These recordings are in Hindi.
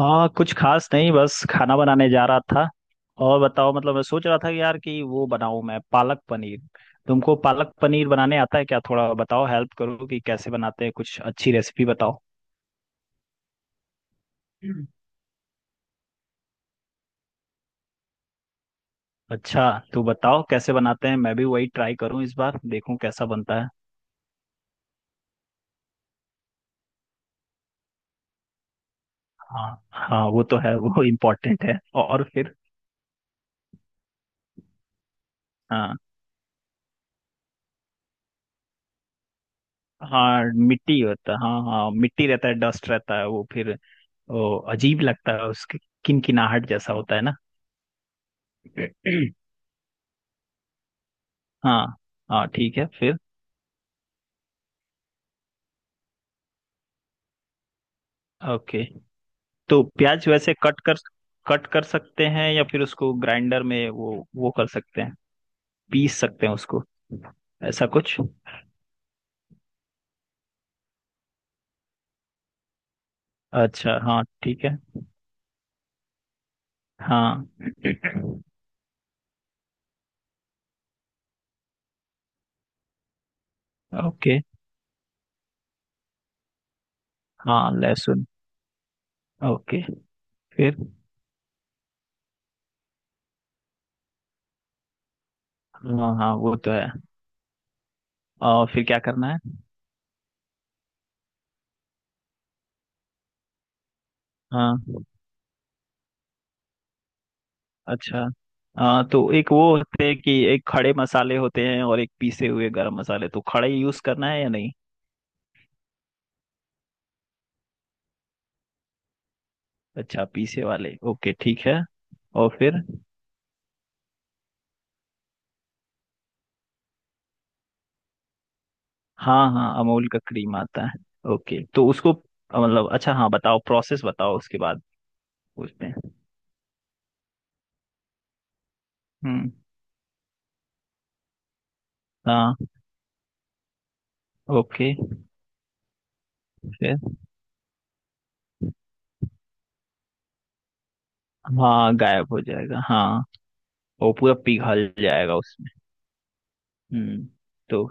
हाँ, कुछ खास नहीं। बस खाना बनाने जा रहा था। और बताओ, मतलब मैं सोच रहा था कि यार कि वो बनाऊं मैं पालक पनीर। तुमको पालक पनीर बनाने आता है क्या? थोड़ा बताओ, हेल्प करो कि कैसे बनाते हैं। कुछ अच्छी रेसिपी बताओ। हम्म। अच्छा, तू बताओ कैसे बनाते हैं। मैं भी वही ट्राई करूं इस बार, देखूं कैसा बनता है। हाँ हाँ, वो तो है, वो इम्पोर्टेंट है। और फिर? हाँ हाँ, मिट्टी होता है। हाँ हाँ, मिट्टी रहता है, डस्ट रहता है। वो फिर वो अजीब लगता है उसकी। किनकिनाहट जैसा होता है। ना। हाँ हाँ। ठीक है, फिर? ओके। तो प्याज वैसे कट कर सकते हैं या फिर उसको ग्राइंडर में वो कर सकते हैं? पीस सकते हैं उसको, ऐसा कुछ? अच्छा, हाँ ठीक है। हाँ। ओके। हाँ, लहसुन। ओके, फिर? हाँ हाँ, वो तो है। और फिर क्या करना है? हाँ। अच्छा। हाँ, तो एक वो होते हैं कि एक खड़े मसाले होते हैं और एक पीसे हुए गरम मसाले। तो खड़े यूज करना है या नहीं? अच्छा, पीछे वाले। ओके ठीक है। और फिर? हाँ हाँ, अमूल का क्रीम आता है। ओके, तो उसको मतलब, अच्छा हाँ बताओ, प्रोसेस बताओ उसके बाद। उसमें। हम्म। हाँ। ओके, फिर? हाँ, गायब हो जाएगा, हाँ। वो पूरा पिघल जाएगा उसमें। हम्म। तो।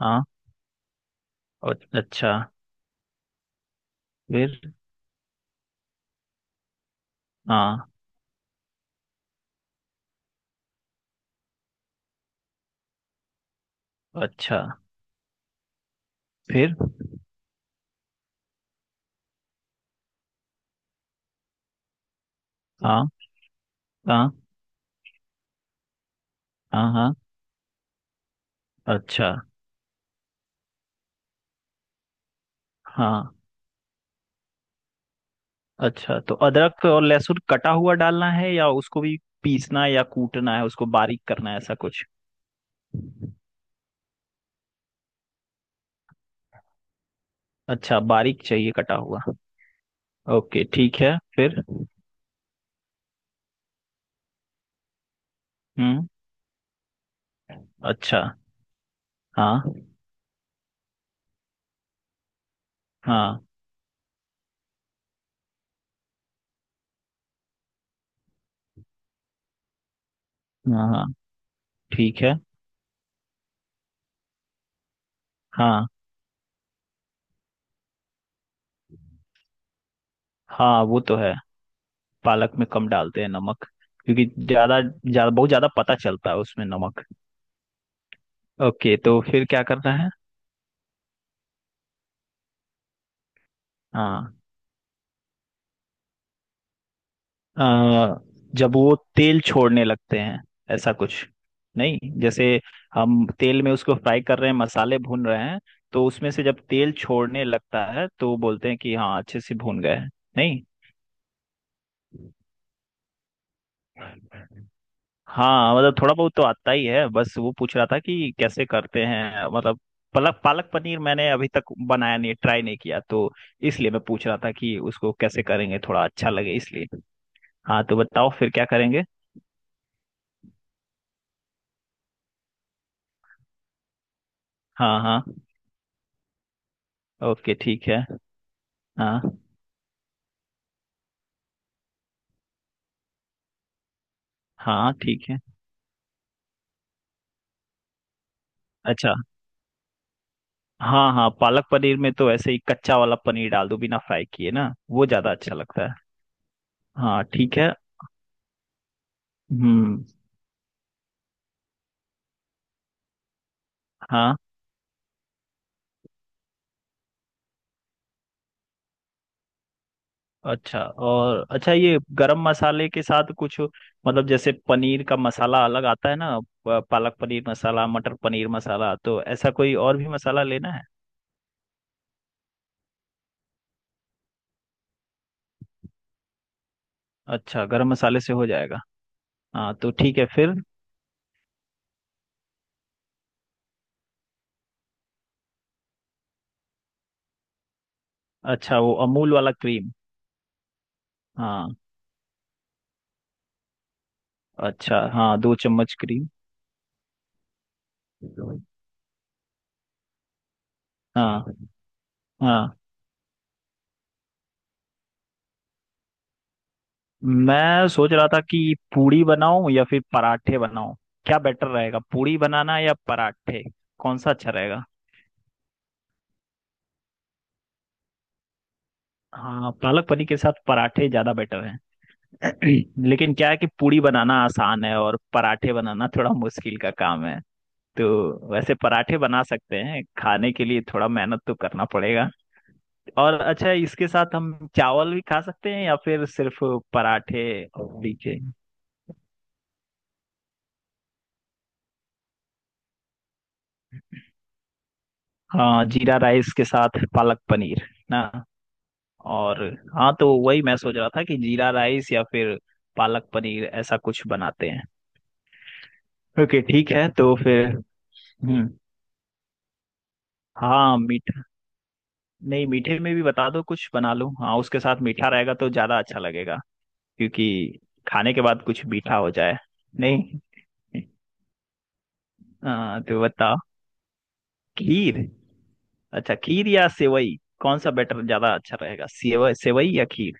हाँ। और? अच्छा, फिर? हाँ। अच्छा, फिर? हाँ हाँ हाँ। हाँ। अच्छा। हाँ। अच्छा, तो अदरक और लहसुन कटा हुआ डालना है या उसको भी पीसना है या कूटना है, उसको बारीक करना है, ऐसा कुछ? अच्छा, बारीक चाहिए कटा हुआ। ओके ठीक है, फिर? हम्म। अच्छा। हाँ हाँ। हाँ हाँ, ठीक है। हाँ हाँ, वो तो है। पालक में कम डालते हैं नमक, क्योंकि ज्यादा ज्यादा बहुत ज्यादा पता चलता है उसमें नमक। ओके, तो फिर क्या करना है? हाँ। अ, जब वो तेल छोड़ने लगते हैं, ऐसा कुछ? नहीं, जैसे हम तेल में उसको फ्राई कर रहे हैं, मसाले भून रहे हैं, तो उसमें से जब तेल छोड़ने लगता है तो बोलते हैं कि हाँ अच्छे से भून गए हैं। नहीं? हाँ, मतलब थोड़ा बहुत तो आता ही है। बस वो पूछ रहा था कि कैसे करते हैं। मतलब पालक पालक पनीर मैंने अभी तक बनाया नहीं, ट्राई नहीं किया, तो इसलिए मैं पूछ रहा था कि उसको कैसे करेंगे, थोड़ा अच्छा लगे इसलिए। हाँ, तो बताओ फिर क्या करेंगे। हाँ हाँ। ओके ठीक है। हाँ हाँ, ठीक है। अच्छा। हाँ हाँ, पालक पनीर में तो ऐसे ही कच्चा वाला पनीर डाल दो, बिना फ्राई किए ना, वो ज्यादा अच्छा लगता है। हाँ ठीक है। हम्म। हाँ। अच्छा, और अच्छा ये गरम मसाले के साथ कुछ, मतलब जैसे पनीर का मसाला अलग आता है ना, पालक पनीर मसाला, मटर पनीर मसाला, तो ऐसा कोई और भी मसाला लेना है? अच्छा, गरम मसाले से हो जाएगा। हाँ तो ठीक है, फिर? अच्छा, वो अमूल वाला क्रीम। हाँ। अच्छा हाँ, दो चम्मच क्रीम। हाँ। हाँ, मैं सोच रहा था कि पूड़ी बनाऊं या फिर पराठे बनाऊं। क्या बेटर रहेगा, पूड़ी बनाना या पराठे? कौन सा अच्छा रहेगा? हाँ, पालक पनीर के साथ पराठे ज्यादा बेटर हैं। लेकिन क्या है कि पूड़ी बनाना आसान है और पराठे बनाना थोड़ा मुश्किल का काम है। तो वैसे पराठे बना सकते हैं, खाने के लिए थोड़ा मेहनत तो करना पड़ेगा। और अच्छा, इसके साथ हम चावल भी खा सकते हैं या फिर सिर्फ पराठे? और भी के। हाँ, जीरा राइस के साथ पालक पनीर ना। और हाँ, तो वही मैं सोच रहा था कि जीरा राइस या फिर पालक पनीर, ऐसा कुछ बनाते हैं। ओके ठीक है, तो फिर? हम्म। हाँ, मीठा। नहीं, मीठे में भी बता दो, कुछ बना लूँ। हाँ, उसके साथ मीठा रहेगा तो ज़्यादा अच्छा लगेगा, क्योंकि खाने के बाद कुछ मीठा हो जाए। नहीं? हाँ, तो बताओ। खीर? अच्छा, खीर या सेवई, कौन सा बेटर, ज़्यादा अच्छा रहेगा, सेवई सेवई या खीर?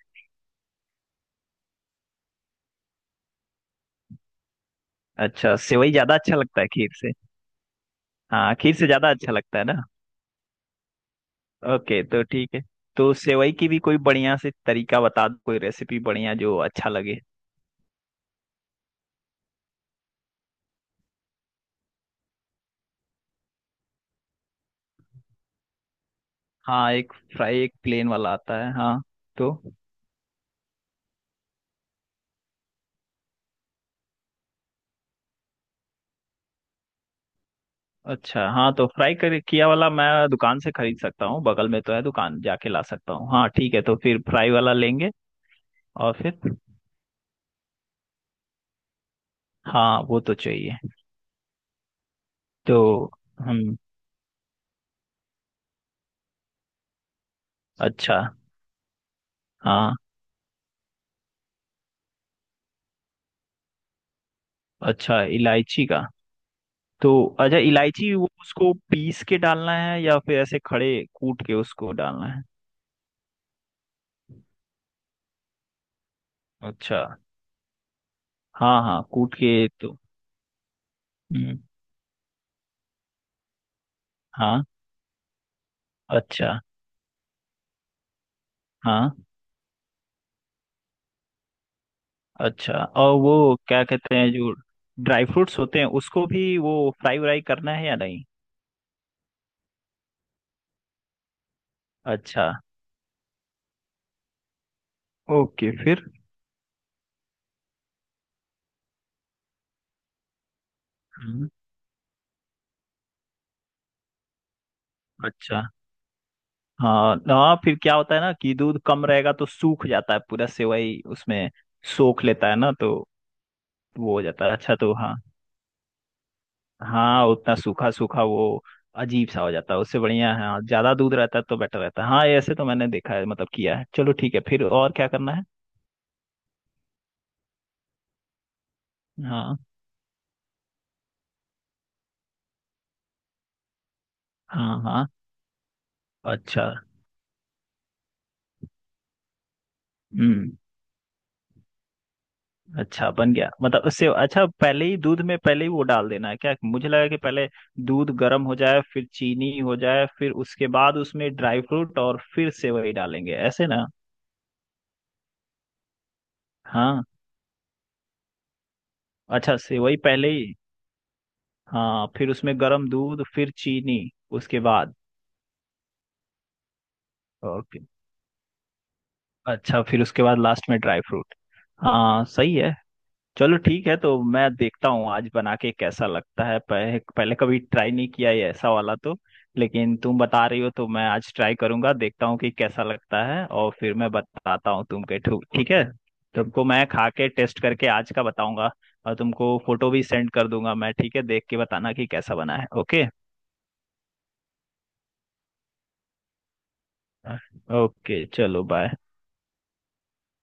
अच्छा, सेवई ज़्यादा अच्छा लगता है खीर से। हाँ, खीर से ज़्यादा अच्छा लगता है ना। ओके तो ठीक है। तो सेवई की भी कोई बढ़िया से तरीका बता दो, कोई रेसिपी बढ़िया जो अच्छा लगे। हाँ, एक फ्राई एक प्लेन वाला आता है, हाँ। तो। अच्छा हाँ, तो फ्राई कर किया वाला मैं दुकान से खरीद सकता हूँ, बगल में तो है दुकान, जाके ला सकता हूँ। हाँ ठीक है, तो फिर फ्राई वाला लेंगे। और फिर? हाँ, वो तो चाहिए। तो हम। अच्छा। हाँ, अच्छा इलायची का। तो। अच्छा, इलायची वो उसको पीस के डालना है या फिर ऐसे खड़े कूट के उसको डालना है? अच्छा। हाँ हाँ, कूट के। तो। हम्म। हाँ। अच्छा। हाँ। अच्छा, और वो क्या कहते हैं, जो ड्राई फ्रूट्स होते हैं, उसको भी वो फ्राई व्राई करना है या नहीं? अच्छा। ओके, फिर? हम्म। अच्छा। हाँ हाँ, फिर क्या होता है ना कि दूध कम रहेगा तो सूख जाता है पूरा, सेवई उसमें सोख लेता है ना, तो वो हो जाता है। अच्छा, तो हाँ। हाँ, उतना सूखा सूखा वो अजीब सा हो जाता है। उससे बढ़िया है, हाँ, ज्यादा दूध रहता है तो बेटर रहता है। हाँ, ऐसे तो मैंने देखा है, मतलब किया है। चलो ठीक है, फिर और क्या करना है? हाँ हाँ। हाँ। अच्छा। हम्म। अच्छा, बन गया, मतलब उससे अच्छा पहले ही दूध में, पहले ही वो डाल देना है क्या? मुझे लगा कि पहले दूध गर्म हो जाए, फिर चीनी हो जाए, फिर उसके बाद उसमें ड्राई फ्रूट और फिर सेवई डालेंगे, ऐसे ना। हाँ। अच्छा, सेवई पहले ही। हाँ, फिर उसमें गर्म दूध, फिर चीनी। उसके बाद। ओके। अच्छा, फिर उसके बाद लास्ट में ड्राई फ्रूट। हाँ सही है। चलो ठीक है, तो मैं देखता हूँ आज बना के कैसा लगता है। पहले कभी ट्राई नहीं किया ये ऐसा वाला, तो लेकिन तुम बता रही हो तो मैं आज ट्राई करूंगा, देखता हूँ कि कैसा लगता है और फिर मैं बताता हूँ तुमके। ठीक है, तुमको मैं खा के टेस्ट करके आज का बताऊंगा। और तुमको फोटो भी सेंड कर दूंगा मैं। ठीक है, देख के बताना कि कैसा बना है। ओके। ओके चलो, बाय।